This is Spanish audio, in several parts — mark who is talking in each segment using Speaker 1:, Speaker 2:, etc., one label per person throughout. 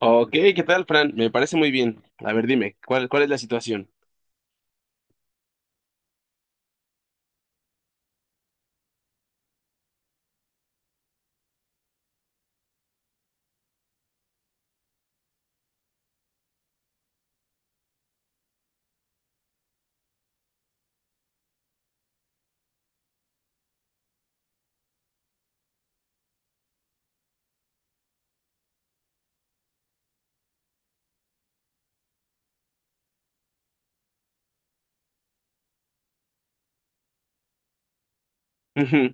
Speaker 1: Ok, ¿qué tal, Fran? Me parece muy bien. A ver, dime, ¿cuál es la situación? Ujú.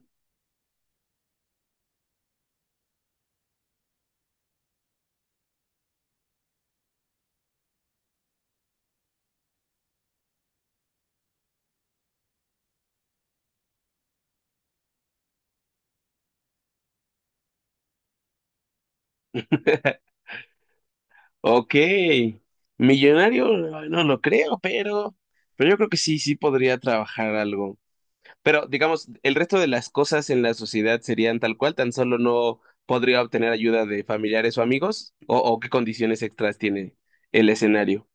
Speaker 1: Ok, millonario, no lo creo, pero yo creo que sí, sí podría trabajar algo. Pero digamos, el resto de las cosas en la sociedad serían tal cual, tan solo no podría obtener ayuda de familiares o amigos, o qué condiciones extras tiene el escenario.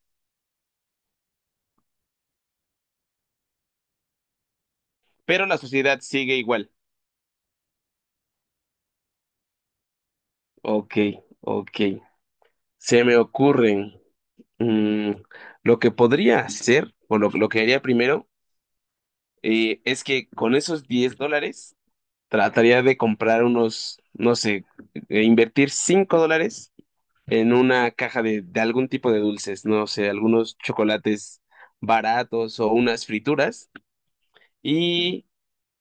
Speaker 1: Pero la sociedad sigue igual. Ok, ok. Se me ocurren. Mm, lo que podría hacer, lo que haría primero, es que con esos $10 trataría de comprar unos, no sé, invertir $5 en una caja de algún tipo de dulces, no sé, algunos chocolates baratos o unas frituras, y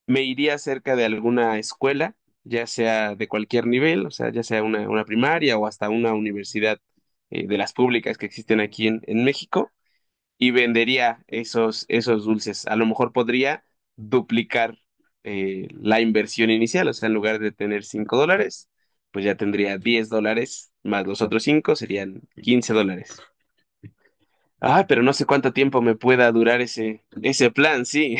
Speaker 1: me iría cerca de alguna escuela, ya sea de cualquier nivel, o sea, ya sea una primaria o hasta una universidad, de las públicas que existen aquí en México, y vendería esos dulces. A lo mejor podría duplicar la inversión inicial, o sea, en lugar de tener $5, pues ya tendría $10, más los otros 5 serían $15. Ah, pero no sé cuánto tiempo me pueda durar ese plan, sí.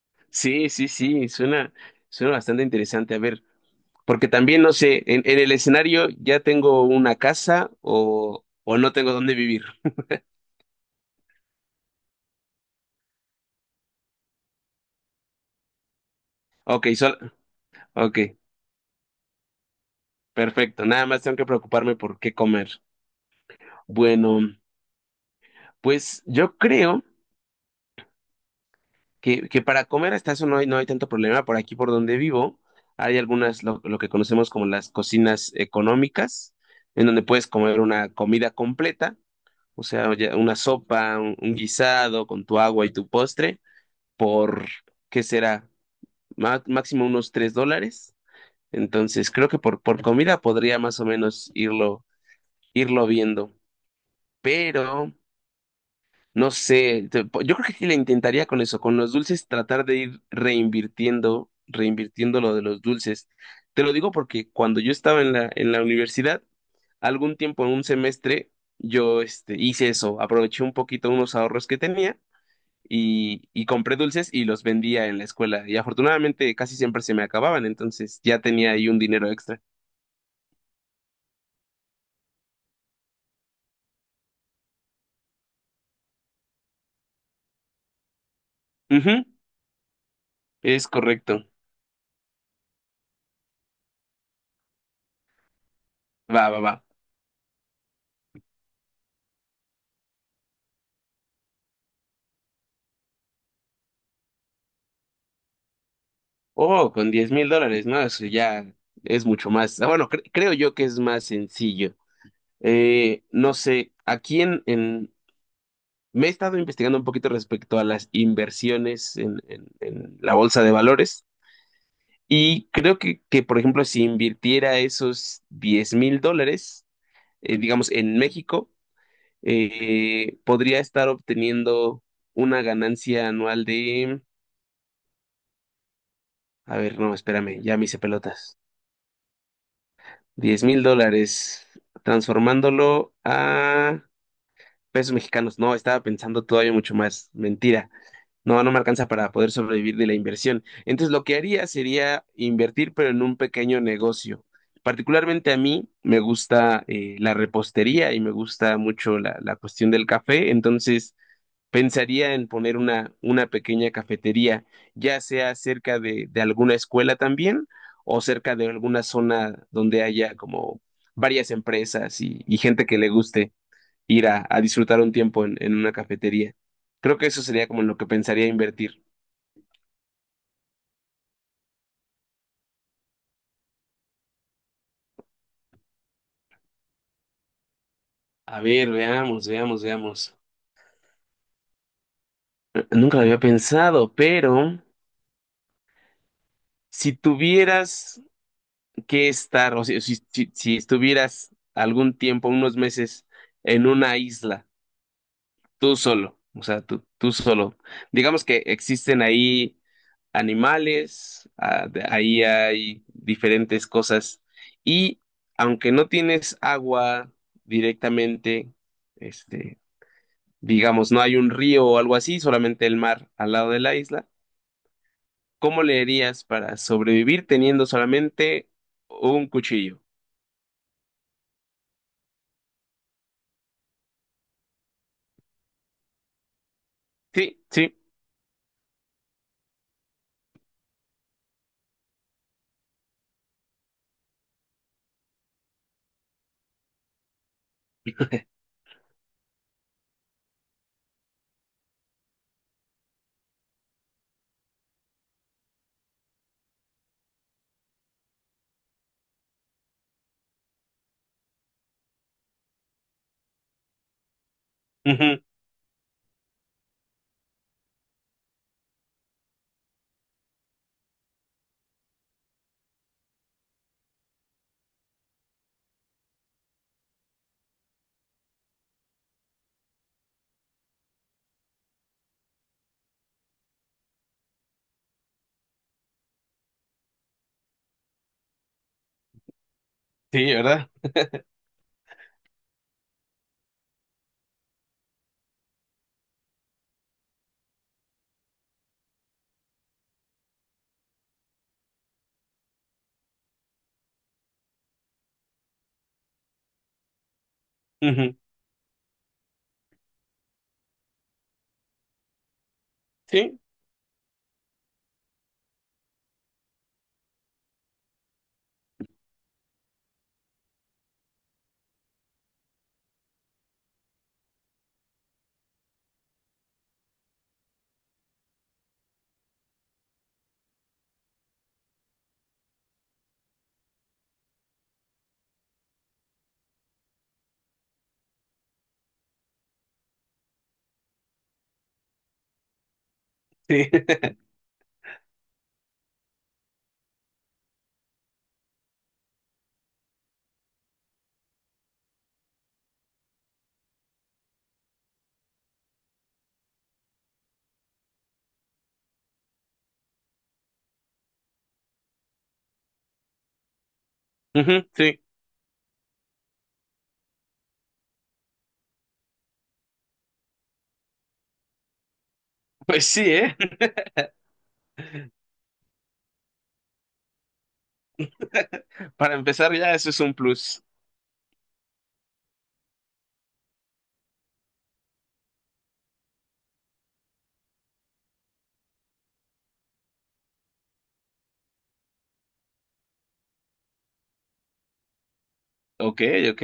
Speaker 1: Sí, sí, sí, suena, bastante interesante. A ver, porque también no sé, en el escenario ya tengo una casa o no tengo dónde vivir. Ok, sol, ok. Perfecto, nada más tengo que preocuparme por qué comer. Bueno, pues yo creo que para comer hasta eso no hay tanto problema. Por aquí, por donde vivo, hay algunas, lo que conocemos como las cocinas económicas, en donde puedes comer una comida completa, o sea, ya una sopa, un guisado con tu agua y tu postre, por, ¿qué será? Máximo unos $3. Entonces, creo que por comida podría más o menos irlo, viendo. Pero... No sé, yo creo que sí le intentaría con eso, con los dulces, tratar de ir reinvirtiendo, lo de los dulces. Te lo digo porque cuando yo estaba en la universidad, algún tiempo en un semestre, yo hice eso, aproveché un poquito unos ahorros que tenía y compré dulces y los vendía en la escuela. Y afortunadamente casi siempre se me acababan, entonces ya tenía ahí un dinero extra. Ujú, es correcto. Va, va, va. Oh, con $10,000, ¿no? Eso ya es mucho más. Ah, bueno, creo yo que es más sencillo. No sé, aquí en. Me he estado investigando un poquito respecto a las inversiones en la bolsa de valores y creo que, por ejemplo, si invirtiera esos $10,000, digamos, en México, podría estar obteniendo una ganancia anual de... A ver, no, espérame, ya me hice pelotas. $10,000, transformándolo a pesos mexicanos. No, estaba pensando todavía mucho más. Mentira. No, no me alcanza para poder sobrevivir de la inversión. Entonces, lo que haría sería invertir, pero en un pequeño negocio. Particularmente a mí me gusta la repostería y me gusta mucho la cuestión del café. Entonces, pensaría en poner una pequeña cafetería, ya sea cerca de alguna escuela también, o cerca de alguna zona donde haya como varias empresas y gente que le guste ir a disfrutar un tiempo en una cafetería. Creo que eso sería como en lo que pensaría invertir. A ver, veamos, veamos, veamos. Nunca lo había pensado, pero si tuvieras que estar, o si estuvieras algún tiempo, unos meses, en una isla, tú solo, o sea, tú solo. Digamos que existen ahí animales, ahí hay diferentes cosas y aunque no tienes agua directamente, este, digamos, no hay un río o algo así, solamente el mar al lado de la isla, ¿cómo le harías para sobrevivir teniendo solamente un cuchillo? Sí, sí, ujú, sí, ¿verdad? Ujú, sí, sí, ujú, sí. Pues sí, ¿eh? Para empezar ya eso es un plus. Ok, ok.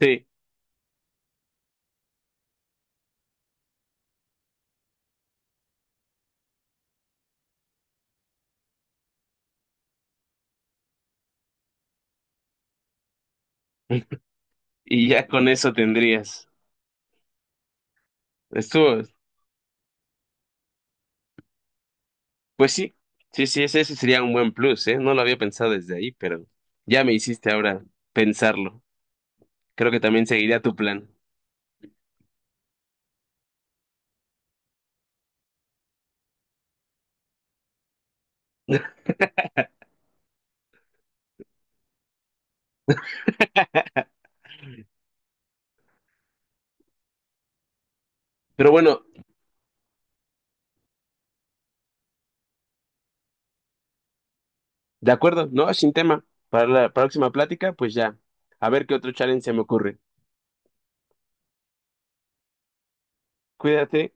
Speaker 1: Sí. Y ya con eso tendrías. Estuvo. Pues sí. Sí, sí, ese sería un buen plus, ¿eh? No lo había pensado desde ahí, pero ya me hiciste ahora pensarlo. Creo que también seguiría tu plan. Pero bueno, de acuerdo, ¿no? Sin tema. Para la próxima plática, pues ya. A ver qué otro challenge se me ocurre. Cuídate.